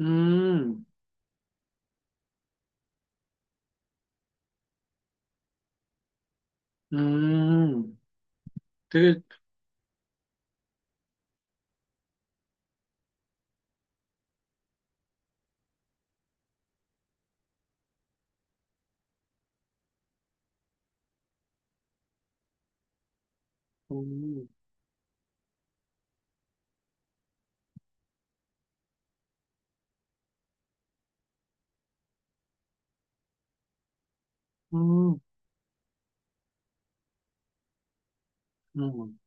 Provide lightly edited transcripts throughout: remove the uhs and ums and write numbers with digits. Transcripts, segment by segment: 음, 음, 되게, 음, 음, 음.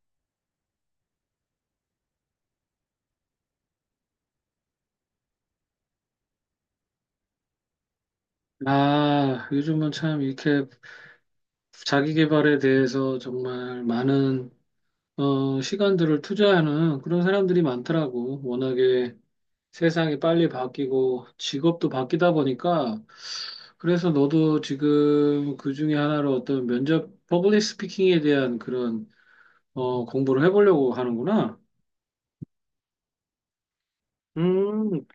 아, 요즘은 참 이렇게 자기 개발에 대해서 정말 많은, 시간들을 투자하는 그런 사람들이 많더라고. 워낙에 세상이 빨리 바뀌고 직업도 바뀌다 보니까 그래서 너도 지금 그 중에 하나로 어떤 면접, 퍼블릭 스피킹에 대한 그런, 공부를 해보려고 하는구나. 음,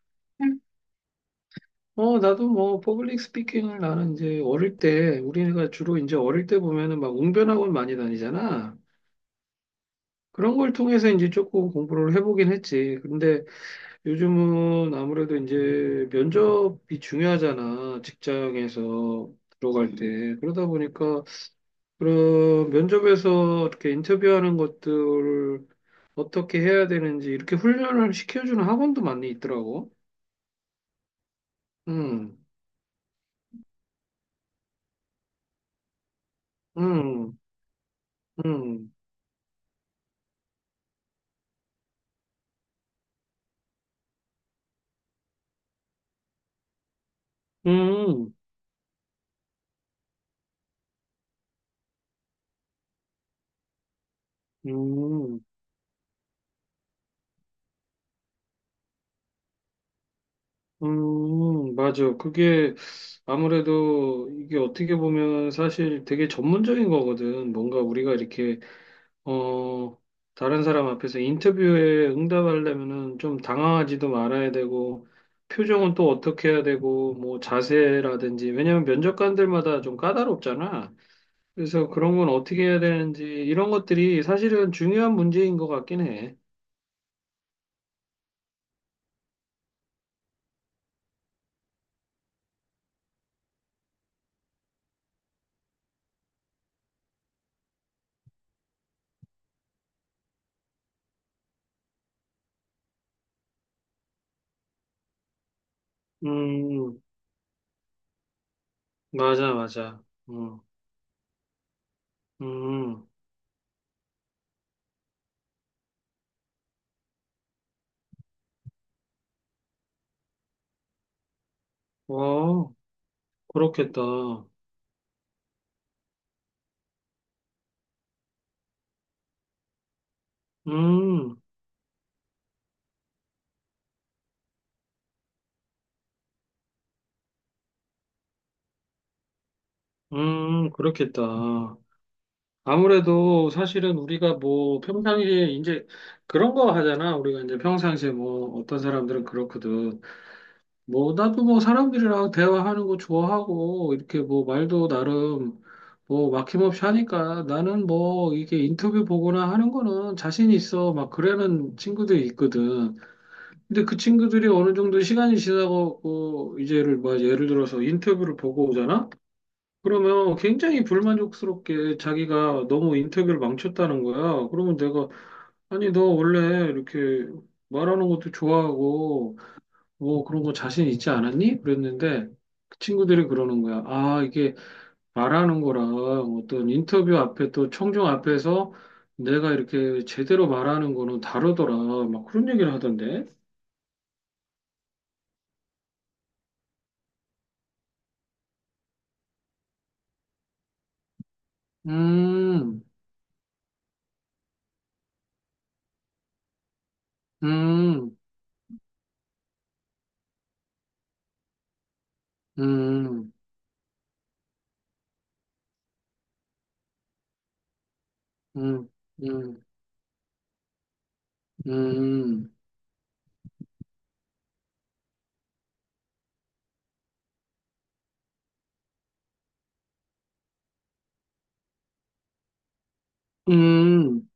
나도 뭐, 퍼블릭 스피킹을 나는 이제 어릴 때, 우리가 주로 이제 어릴 때 보면은 막 웅변학원 많이 다니잖아. 그런 걸 통해서 이제 조금 공부를 해보긴 했지. 근데 요즘은 아무래도 이제 면접이 중요하잖아. 직장에서 들어갈 때. 그러다 보니까 그런 면접에서 이렇게 인터뷰하는 것들을 어떻게 해야 되는지 이렇게 훈련을 시켜주는 학원도 많이 있더라고. 음, 음, 음, 음. 음, 맞아. 그게 아무래도 이게 어떻게 보면 사실 되게 전문적인 거거든. 뭔가 우리가 이렇게, 어, 다른 사람 앞에서 인터뷰에 응답하려면은 좀 당황하지도 말아야 되고, 표정은 또 어떻게 해야 되고, 뭐 자세라든지, 왜냐면 면접관들마다 좀 까다롭잖아. 그래서 그런 건 어떻게 해야 되는지, 이런 것들이 사실은 중요한 문제인 것 같긴 해. 음, 맞아, 맞아. 음, 음. 와, 그렇겠다. 음, 그렇겠다. 아무래도 사실은 우리가 뭐 평상시에 이제 그런 거 하잖아. 우리가 이제 평상시에 뭐 어떤 사람들은 그렇거든. 뭐 나도 뭐 사람들이랑 대화하는 거 좋아하고 이렇게 뭐 말도 나름 뭐 막힘없이 하니까 나는 뭐 이게 인터뷰 보거나 하는 거는 자신 있어. 막 그러는 친구들 있거든. 근데 그 친구들이 어느 정도 시간이 지나고 그 이제를 뭐 예를 들어서 인터뷰를 보고 오잖아? 그러면 굉장히 불만족스럽게 자기가 너무 인터뷰를 망쳤다는 거야. 그러면 내가 아니 너 원래 이렇게 말하는 것도 좋아하고 뭐 그런 거 자신 있지 않았니? 그랬는데 그 친구들이 그러는 거야. 아 이게 말하는 거랑 어떤 인터뷰 앞에 또 청중 앞에서 내가 이렇게 제대로 말하는 거는 다르더라. 막 그런 얘기를 하던데. 음. 음, 음, 음, 음, 음, 음,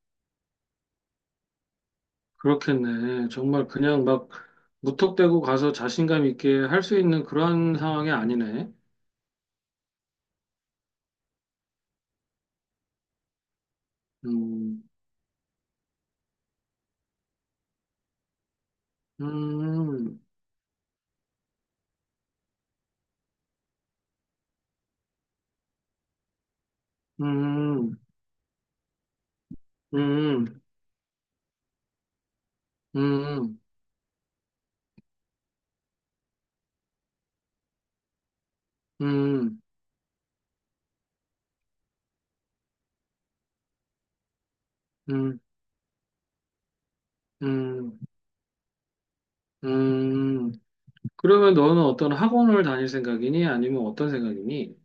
그렇겠네. 정말 그냥 막 무턱대고 가서 자신감 있게 할 수 있는 그런 상황이 아니네. 음, 음, 음, 음, 음, 음, 음, 음, 음. 그러면 너는 어떤 학원을 다닐 생각이니? 아니면 어떤 생각이니?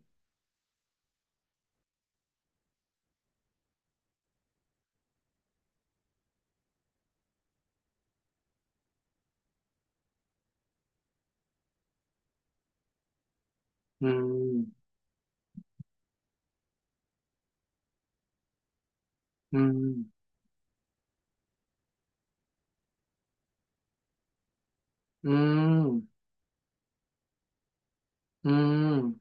음, 음, 음, 음,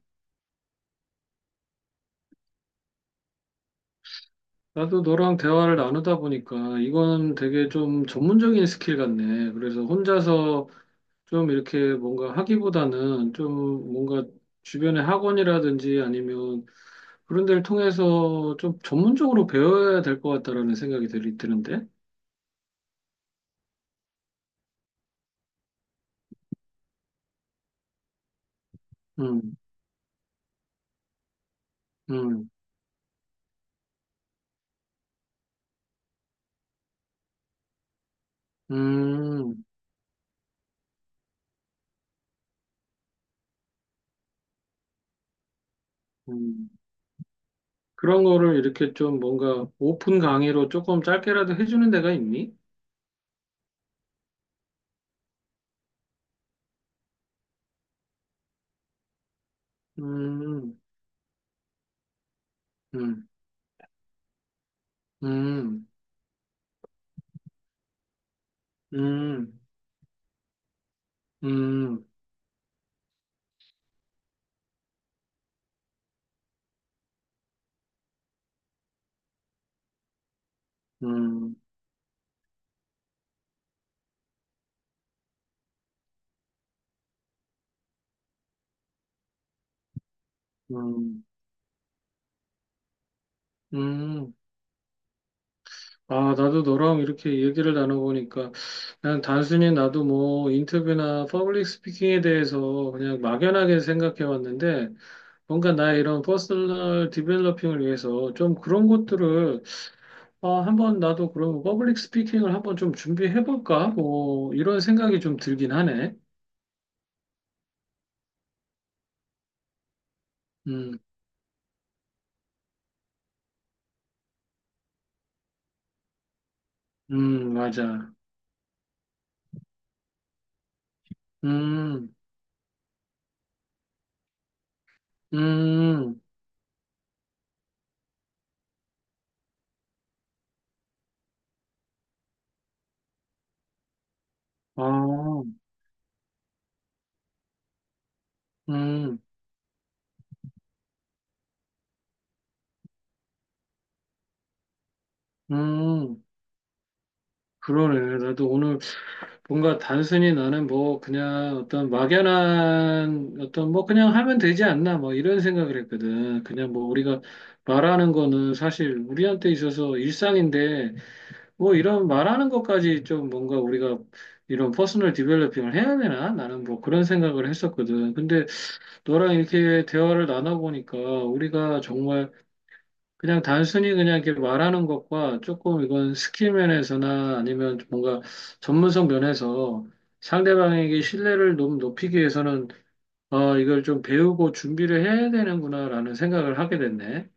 나도 너랑 대화를 나누다 보니까 이건 되게 좀 전문적인 스킬 같네. 그래서 혼자서 좀 이렇게 뭔가 하기보다는 좀 뭔가 주변의 학원이라든지 아니면 그런 데를 통해서 좀 전문적으로 배워야 될 것 같다라는 생각이 드는데. 음, 음, 음, 음. 그런 거를 이렇게 좀 뭔가 오픈 강의로 조금 짧게라도 해주는 데가 있니? 음, 음, 음, 음, 음, 음. 음, 음. 아, 나도 너랑 이렇게 얘기를 나눠보니까 난 단순히 나도 뭐 인터뷰나 퍼블릭 스피킹에 대해서 그냥 막연하게 생각해왔는데 뭔가 나의 이런 퍼스널 디벨로핑을 위해서 좀 그런 것들을 아, 한번 나도 그럼 퍼블릭 스피킹을 한번 좀 준비해볼까? 뭐 이런 생각이 좀 들긴 하네. 음, 맞아. 음, 음, 아, 음, 음. 그러네. 나도 오늘 뭔가 단순히 나는 뭐 그냥 어떤 막연한 어떤 뭐 그냥 하면 되지 않나 뭐 이런 생각을 했거든. 그냥 뭐 우리가 말하는 거는 사실 우리한테 있어서 일상인데 뭐 이런 말하는 것까지 좀 뭔가 우리가 이런 퍼스널 디벨로핑을 해야 되나? 나는 뭐 그런 생각을 했었거든. 근데 너랑 이렇게 대화를 나눠보니까 우리가 정말 그냥 단순히 그냥 이렇게 말하는 것과 조금 이건 스킬 면에서나 아니면 뭔가 전문성 면에서 상대방에게 신뢰를 좀 높이기 위해서는 이걸 좀 배우고 준비를 해야 되는구나라는 생각을 하게 됐네.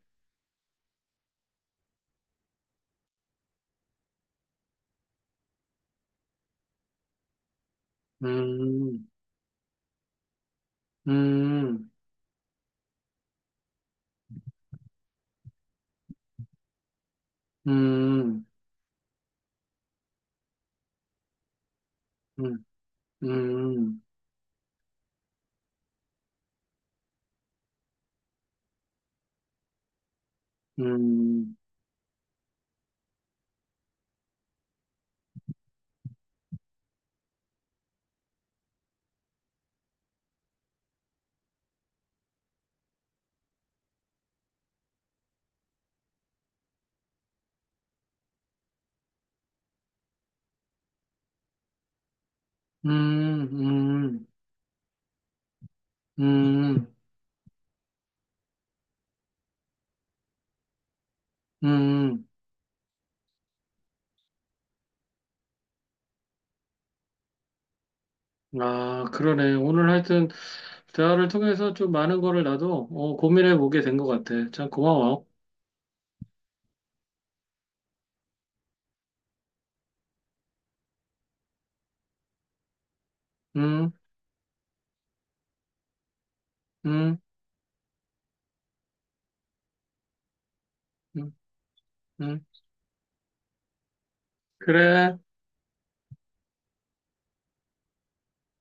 음, 음, 음, 음, 음, 음, 음, 음, 음, 음. 아, 그러네. 오늘 하여튼 대화를 통해서 좀 많은 거를 나도 고민해 보게 된 것 같아. 참 고마워. 음, 음, 음, 음. 그래.